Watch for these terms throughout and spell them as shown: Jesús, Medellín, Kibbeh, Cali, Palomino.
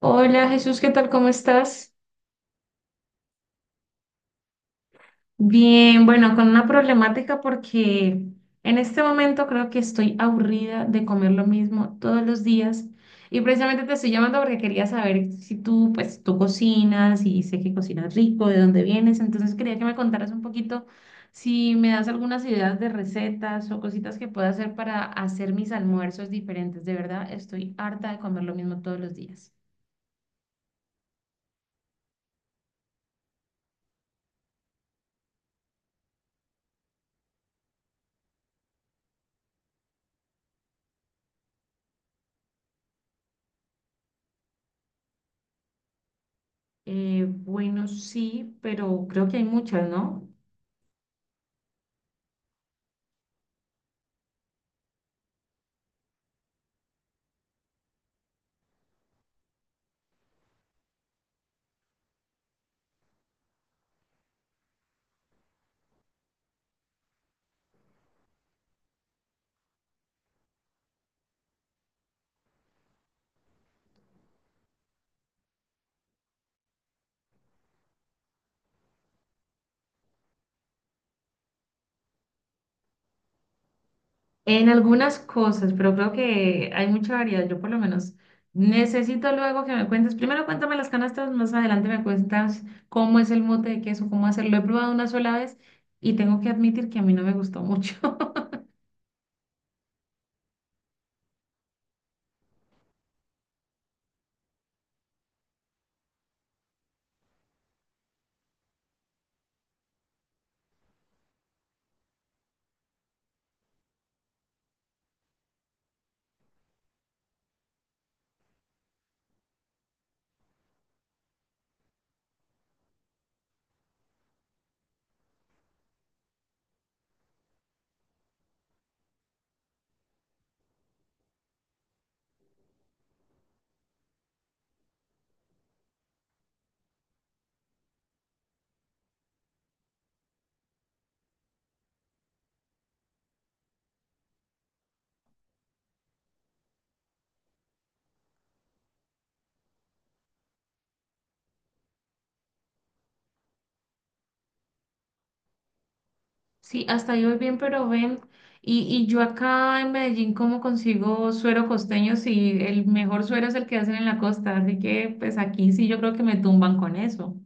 Hola Jesús, ¿qué tal? ¿Cómo estás? Bien, bueno, con una problemática porque en este momento creo que estoy aburrida de comer lo mismo todos los días y precisamente te estoy llamando porque quería saber si tú, pues, tú cocinas y sé que cocinas rico, de dónde vienes, entonces quería que me contaras un poquito si me das algunas ideas de recetas o cositas que pueda hacer para hacer mis almuerzos diferentes. De verdad, estoy harta de comer lo mismo todos los días. Bueno, sí, pero creo que hay muchas, ¿no? En algunas cosas, pero creo que hay mucha variedad. Yo por lo menos necesito luego que me cuentes. Primero cuéntame las canastas, más adelante me cuentas cómo es el mote de queso, cómo hacerlo. He probado una sola vez y tengo que admitir que a mí no me gustó mucho. Sí, hasta ahí voy bien, pero ven. Y yo acá en Medellín, ¿cómo consigo suero costeño si el mejor suero es el que hacen en la costa? Así que pues aquí sí yo creo que me tumban con eso.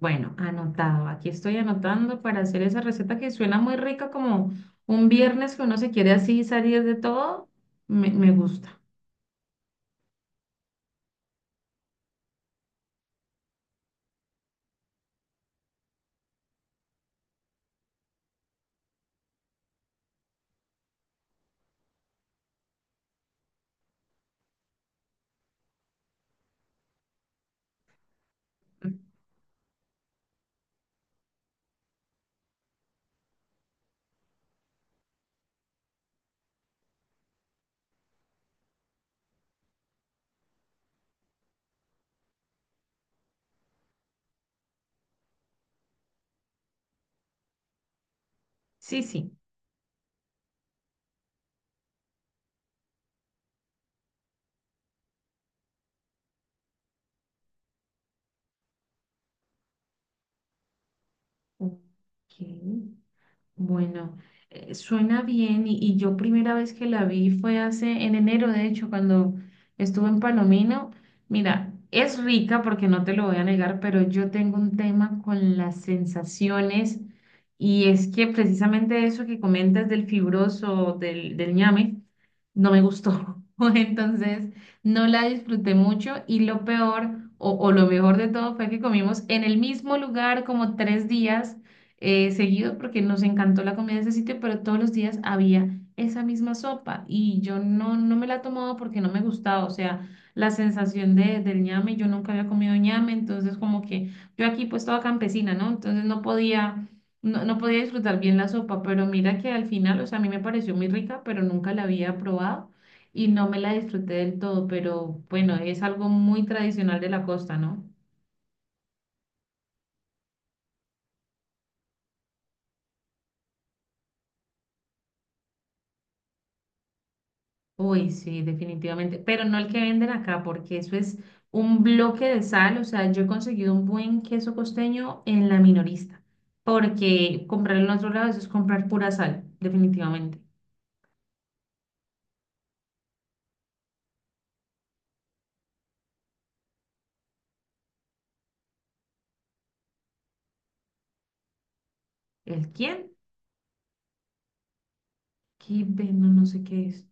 Bueno, anotado. Aquí estoy anotando para hacer esa receta que suena muy rica, como un viernes que uno se quiere así salir de todo. Me gusta. Sí, sí. Ok. Bueno, suena bien y yo primera vez que la vi fue hace en enero, de hecho, cuando estuve en Palomino. Mira, es rica porque no te lo voy a negar, pero yo tengo un tema con las sensaciones y es que precisamente eso que comentas del fibroso, del ñame, no me gustó. Entonces, no la disfruté mucho y lo peor o lo mejor de todo fue que comimos en el mismo lugar como tres días seguido porque nos encantó la comida de ese sitio, pero todos los días había esa misma sopa y yo no, no me la tomaba porque no me gustaba, o sea, la sensación de, del ñame, yo nunca había comido ñame, entonces como que yo aquí pues toda campesina, ¿no? Entonces no podía, no, no podía disfrutar bien la sopa, pero mira que al final, o sea, a mí me pareció muy rica, pero nunca la había probado. Y no me la disfruté del todo, pero bueno, es algo muy tradicional de la costa, ¿no? Uy, sí, definitivamente, pero no el que venden acá, porque eso es un bloque de sal, o sea, yo he conseguido un buen queso costeño en la minorista, porque comprar en otro lado eso es comprar pura sal, definitivamente. ¿El quién? Kibe, no, no sé qué es.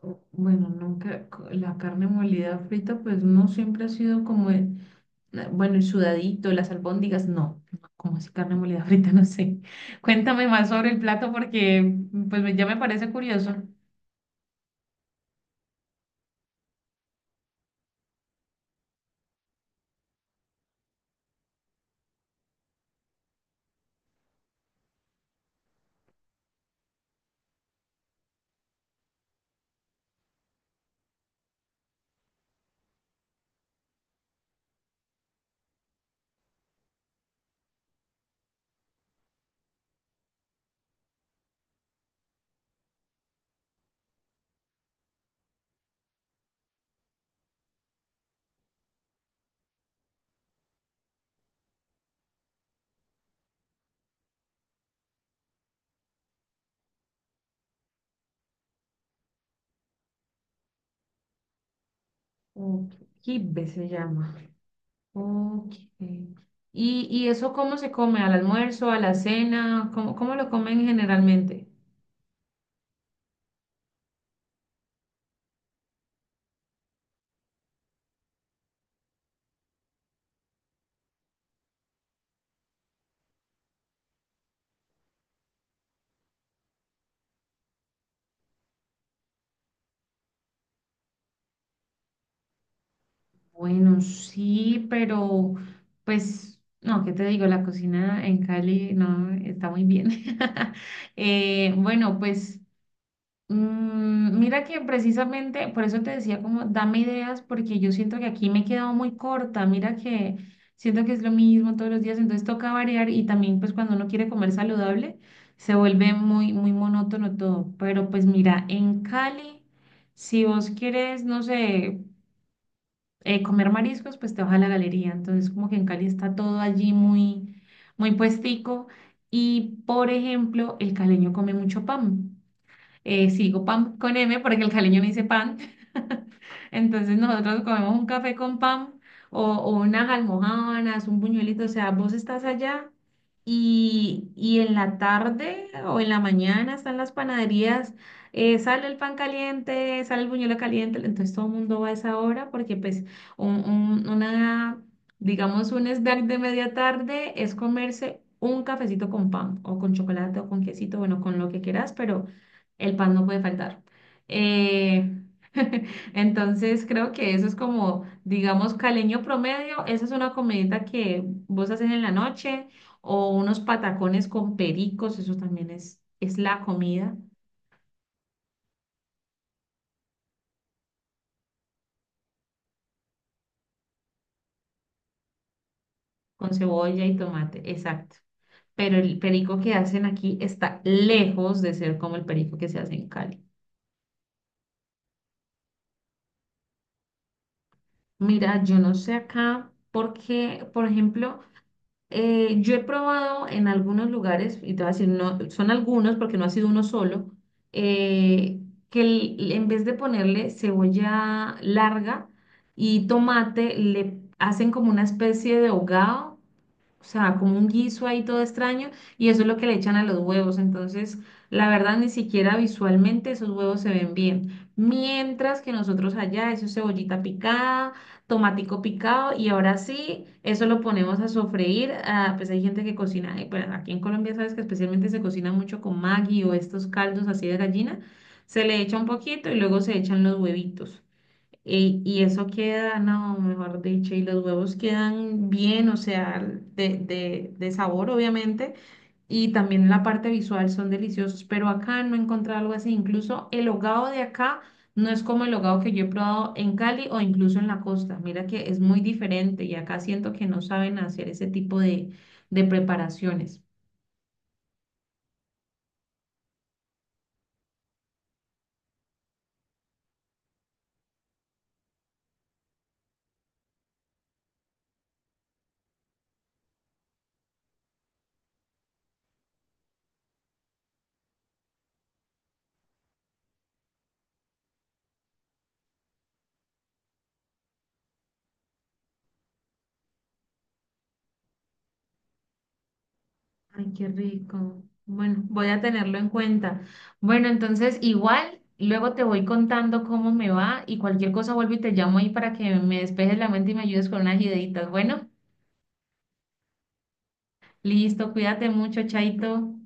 Bueno, nunca, co- la carne molida frita, pues no siempre ha sido como el, bueno, el sudadito, las albóndigas, no, no, como así carne molida frita, no sé. Cuéntame más sobre el plato porque ya me parece curioso. Ok, Kibbeh se llama. Ok. Y eso cómo se come? ¿Al almuerzo, a la cena? ¿Cómo, cómo lo comen generalmente? Bueno, sí, pero pues, no, ¿qué te digo? La cocina en Cali no está muy bien. Bueno, pues mm, mira que precisamente, por eso te decía como, dame ideas, porque yo siento que aquí me he quedado muy corta, mira que siento que es lo mismo todos los días, entonces toca variar y también pues cuando uno quiere comer saludable se vuelve muy, muy monótono todo, pero pues mira, en Cali, si vos quieres, no sé, comer mariscos, pues te vas a la galería, entonces como que en Cali está todo allí muy, muy puestico y por ejemplo, el caleño come mucho pan. Eh, sigo pan con M porque el caleño me dice pan. Entonces nosotros comemos un café con pan o unas almojábanas, un buñuelito, o sea, vos estás allá y en la tarde o en la mañana están las panaderías, sale el pan caliente, sale el buñuelo caliente, entonces todo el mundo va a esa hora porque pues un- un- una, digamos, un snack de media tarde es comerse un cafecito con pan o con chocolate o con quesito, bueno, con lo que quieras, pero el pan no puede faltar. Eh, entonces creo que eso es como, digamos, caleño promedio. Esa es una comidita que vos haces en la noche o unos patacones con pericos. Eso también es la comida con cebolla y tomate. Exacto. Pero el perico que hacen aquí está lejos de ser como el perico que se hace en Cali. Mira, yo no sé acá porque, por ejemplo, yo he probado en algunos lugares, y te voy a decir, no, son algunos porque no ha sido uno solo, eh, que en vez de ponerle cebolla larga y tomate, le hacen como una especie de hogado, o sea, como un guiso ahí todo extraño, y eso es lo que le echan a los huevos. Entonces, la verdad, ni siquiera visualmente esos huevos se ven bien. Mientras que nosotros allá, eso es cebollita picada, tomatico picado, y ahora sí, eso lo ponemos a sofreír. Ah, pues hay gente que cocina, bueno, aquí en Colombia sabes que especialmente se cocina mucho con Maggi o estos caldos así de gallina. Se le echa un poquito y luego se echan los huevitos. Y eso queda, no, mejor dicho, y los huevos quedan bien, o sea, de sabor, obviamente, y también la parte visual son deliciosos, pero acá no he encontrado algo así. Incluso el hogao de acá no es como el hogao que yo he probado en Cali o incluso en la costa. Mira que es muy diferente y acá siento que no saben hacer ese tipo de preparaciones. Ay, qué rico. Bueno, voy a tenerlo en cuenta. Bueno, entonces igual luego te voy contando cómo me va y cualquier cosa vuelvo y te llamo ahí para que me despejes la mente y me ayudes con unas ideitas. Bueno, listo, cuídate mucho, Chaito.